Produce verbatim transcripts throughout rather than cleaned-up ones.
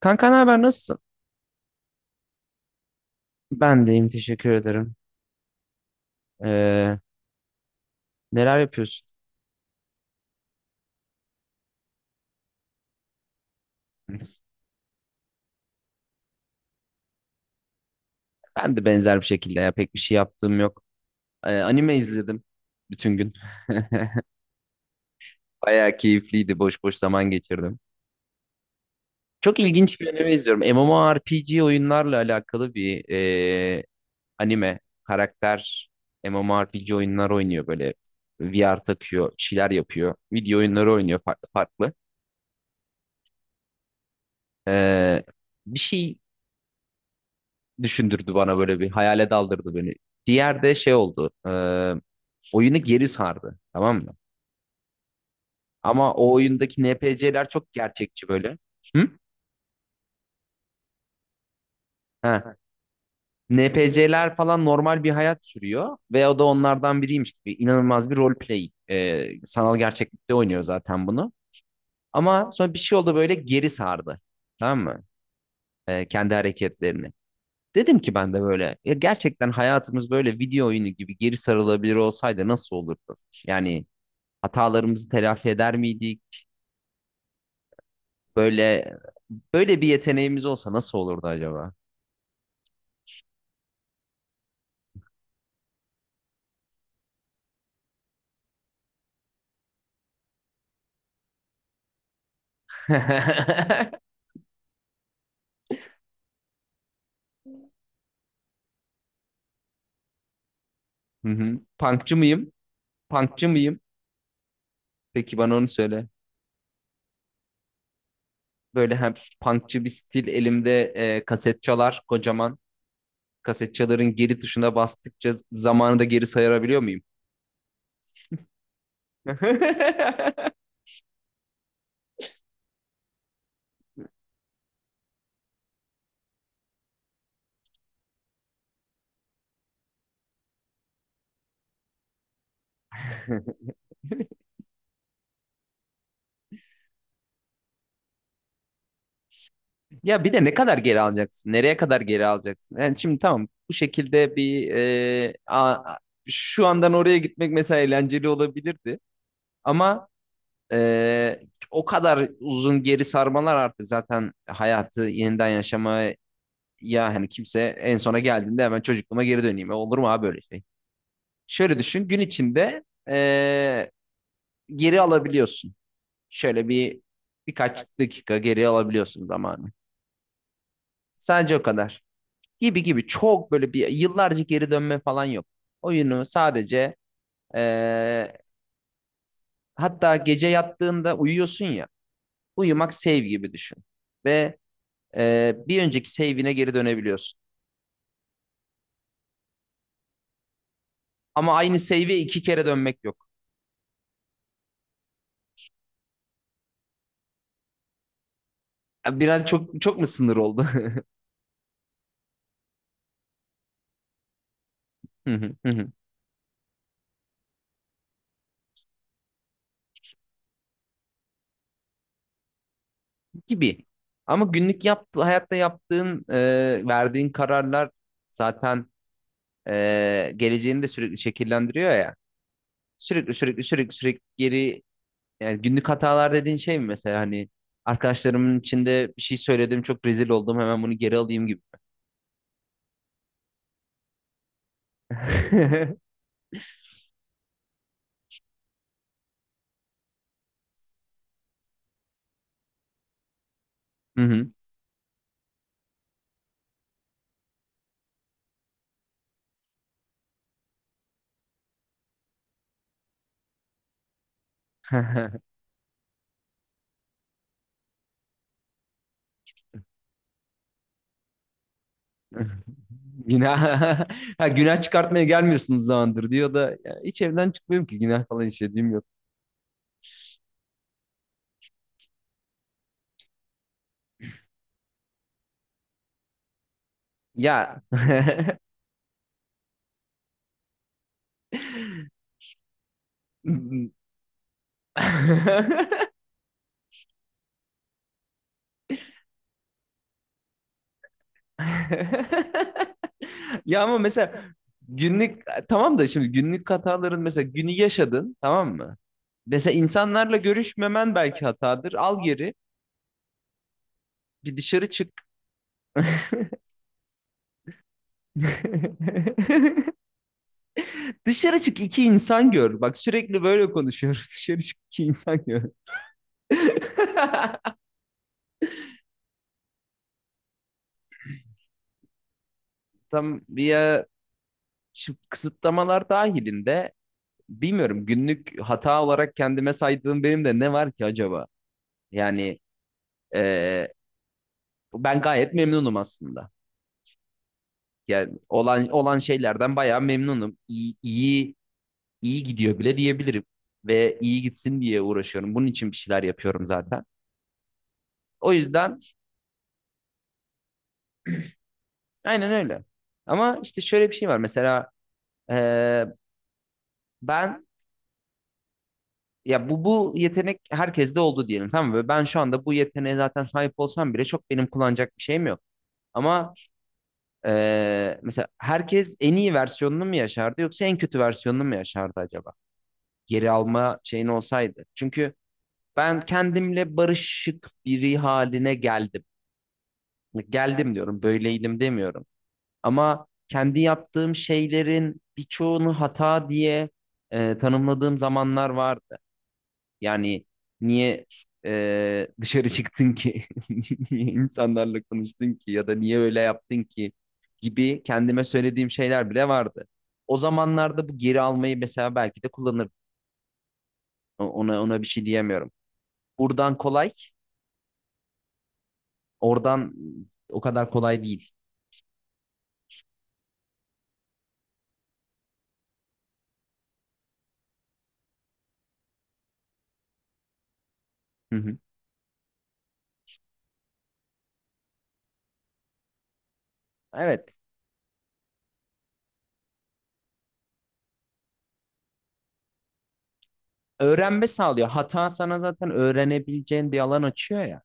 Kanka ne haber, nasılsın? Ben deyim, teşekkür ederim. Ee, Neler yapıyorsun? Ben de benzer bir şekilde ya, pek bir şey yaptığım yok. Ee, anime izledim bütün gün. Bayağı keyifliydi, boş boş zaman geçirdim. Çok ilginç bir anime izliyorum. MMORPG oyunlarla alakalı bir ee, anime karakter MMORPG oyunlar oynuyor böyle, V R takıyor, bir şeyler yapıyor. Video oyunları oynuyor farklı farklı. Ee, Bir şey düşündürdü bana, böyle bir hayale daldırdı beni. Diğer de şey oldu. E, oyunu geri sardı. Tamam mı? Ama o oyundaki N P C'ler çok gerçekçi böyle. Hı? Ha. N P C'ler falan normal bir hayat sürüyor ve o da onlardan biriymiş gibi inanılmaz bir roleplay. E, sanal gerçeklikte oynuyor zaten bunu. Ama sonra bir şey oldu, böyle geri sardı. Tamam mı? E, kendi hareketlerini. Dedim ki ben de böyle, "Ya gerçekten hayatımız böyle video oyunu gibi geri sarılabilir olsaydı nasıl olurdu? Yani hatalarımızı telafi eder miydik? Böyle böyle bir yeteneğimiz olsa nasıl olurdu acaba?" Hı hı. Punkçı mıyım? Punkçı mıyım? Peki, bana onu söyle. Böyle hem punkçı bir stil, elimde e, kaset çalar kocaman. Kaset çaların geri tuşuna bastıkça zamanı da geri sayabiliyor muyum? Ya bir de ne kadar geri alacaksın? Nereye kadar geri alacaksın? Yani şimdi tamam, bu şekilde bir e, a- a- şu andan oraya gitmek mesela eğlenceli olabilirdi. Ama Ee, o kadar uzun geri sarmalar artık zaten hayatı yeniden yaşamaya, hani kimse en sona geldiğinde hemen çocukluğuma geri döneyim. E, olur mu abi böyle şey? Şöyle düşün, gün içinde ee, geri alabiliyorsun. Şöyle bir birkaç dakika geri alabiliyorsun zamanı. Sadece o kadar. Gibi gibi, çok böyle bir yıllarca geri dönme falan yok. Oyunu sadece ee, hatta gece yattığında uyuyorsun ya, uyumak save gibi düşün. Ve e, bir önceki save'ine geri dönebiliyorsun. Ama aynı save'e iki kere dönmek yok. Biraz çok çok mu sınır oldu? Gibi. Ama günlük yaptı, hayatta yaptığın, e, verdiğin kararlar zaten e, geleceğini de sürekli şekillendiriyor ya. Sürekli sürekli sürekli sürekli geri, yani günlük hatalar dediğin şey mi mesela, hani arkadaşlarımın içinde bir şey söyledim çok rezil oldum, hemen bunu geri alayım gibi. Hı hı. Günah, ha, günah çıkartmaya gelmiyorsunuz zamandır diyor da, "Ya hiç evden çıkmıyorum ki, günah falan işlediğim yok." Ya. Ya ama mesela günlük, tamam da şimdi günlük hataların, mesela günü yaşadın tamam mı? Mesela insanlarla görüşmemen belki hatadır. Al geri, bir dışarı çık. Dışarı çık, iki insan gör. Bak, sürekli böyle konuşuyoruz. Dışarı çık, iki insan gör. Tam bir ya- kısıtlamalar dahilinde bilmiyorum, günlük hata olarak kendime saydığım benim de ne var ki acaba? Yani e, ben gayet memnunum aslında. Yani olan olan şeylerden bayağı memnunum. İyi, iyi iyi gidiyor bile diyebilirim ve iyi gitsin diye uğraşıyorum. Bunun için bir şeyler yapıyorum zaten. O yüzden aynen öyle. Ama işte şöyle bir şey var. Mesela e, ben, ya bu bu yetenek herkeste oldu diyelim tamam mı? Ve ben şu anda bu yeteneğe zaten sahip olsam bile çok benim kullanacak bir şeyim yok. Ama eee, mesela herkes en iyi versiyonunu mu yaşardı yoksa en kötü versiyonunu mu yaşardı acaba? Geri alma şeyin olsaydı. Çünkü ben kendimle barışık biri haline geldim. Geldim diyorum, böyleydim demiyorum. Ama kendi yaptığım şeylerin birçoğunu hata diye eee, tanımladığım zamanlar vardı. Yani niye e, dışarı çıktın ki? Niye insanlarla konuştun ki? Ya da niye öyle yaptın ki? Gibi kendime söylediğim şeyler bile vardı. O zamanlarda bu geri almayı mesela belki de kullanırdım. O- Ona ona bir şey diyemiyorum. Buradan kolay, oradan o kadar kolay değil. Hı hı. Evet. Öğrenme sağlıyor. Hata sana zaten öğrenebileceğin bir alan açıyor ya.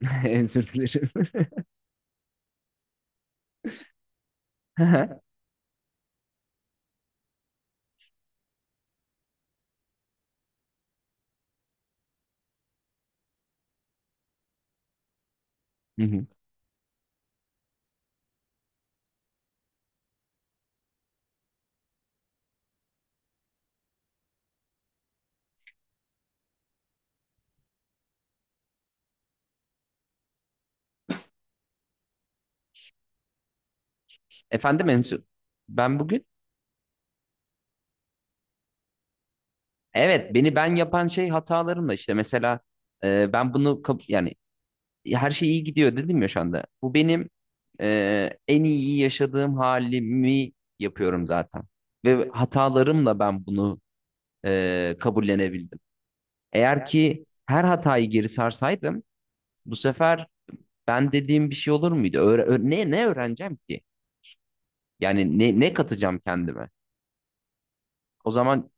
Özür dilerim. Hı hı. Efendim Ensu, ben bugün evet, beni ben yapan şey hatalarımla, işte mesela e, ben bunu kap- yani her şey iyi gidiyor dedim ya şu anda. Bu benim e, en iyi yaşadığım halimi yapıyorum zaten. Ve hatalarımla ben bunu e, kabullenebildim. Eğer ki her hatayı geri sarsaydım bu sefer ben dediğim bir şey olur muydu? Öğre- ö- ne ne öğreneceğim ki? Yani ne ne katacağım kendime? O zaman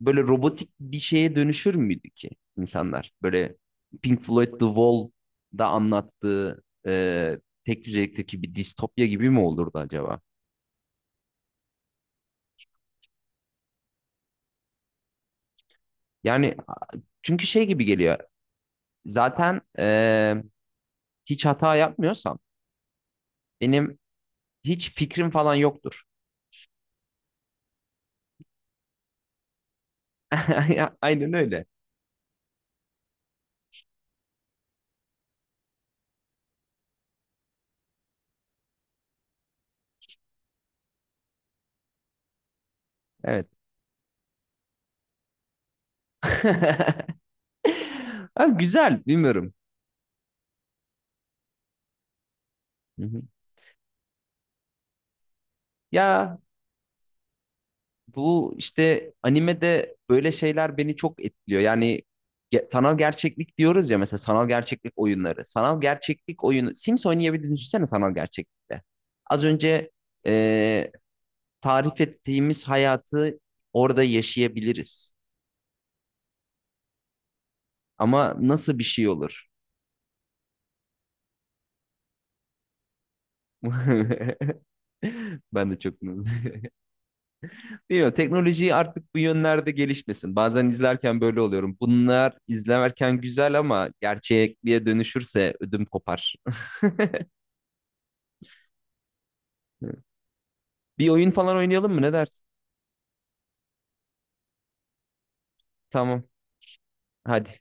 böyle robotik bir şeye dönüşür müydü ki insanlar? Böyle Pink Floyd The Wall'da anlattığı e, tek düzelikteki bir distopya gibi mi olurdu acaba? Yani çünkü şey gibi geliyor. Zaten e, hiç hata yapmıyorsam benim hiç fikrim falan yoktur. Aynen öyle. Evet. Abi güzel, bilmiyorum. Hı hı. Ya, bu işte animede böyle şeyler beni çok etkiliyor. Yani ge- sanal gerçeklik diyoruz ya, mesela sanal gerçeklik oyunları. Sanal gerçeklik oyunu Sims oynayabildiğini düşünsene sanal gerçeklikte. Az önce e, tarif ettiğimiz hayatı orada yaşayabiliriz. Ama nasıl bir şey olur? Ben de çok bilmiyorum, teknoloji artık bu yönlerde gelişmesin. Bazen izlerken böyle oluyorum. Bunlar izlerken güzel ama gerçekliğe dönüşürse ödüm kopar. Bir oyun falan oynayalım mı? Ne dersin? Tamam. Hadi.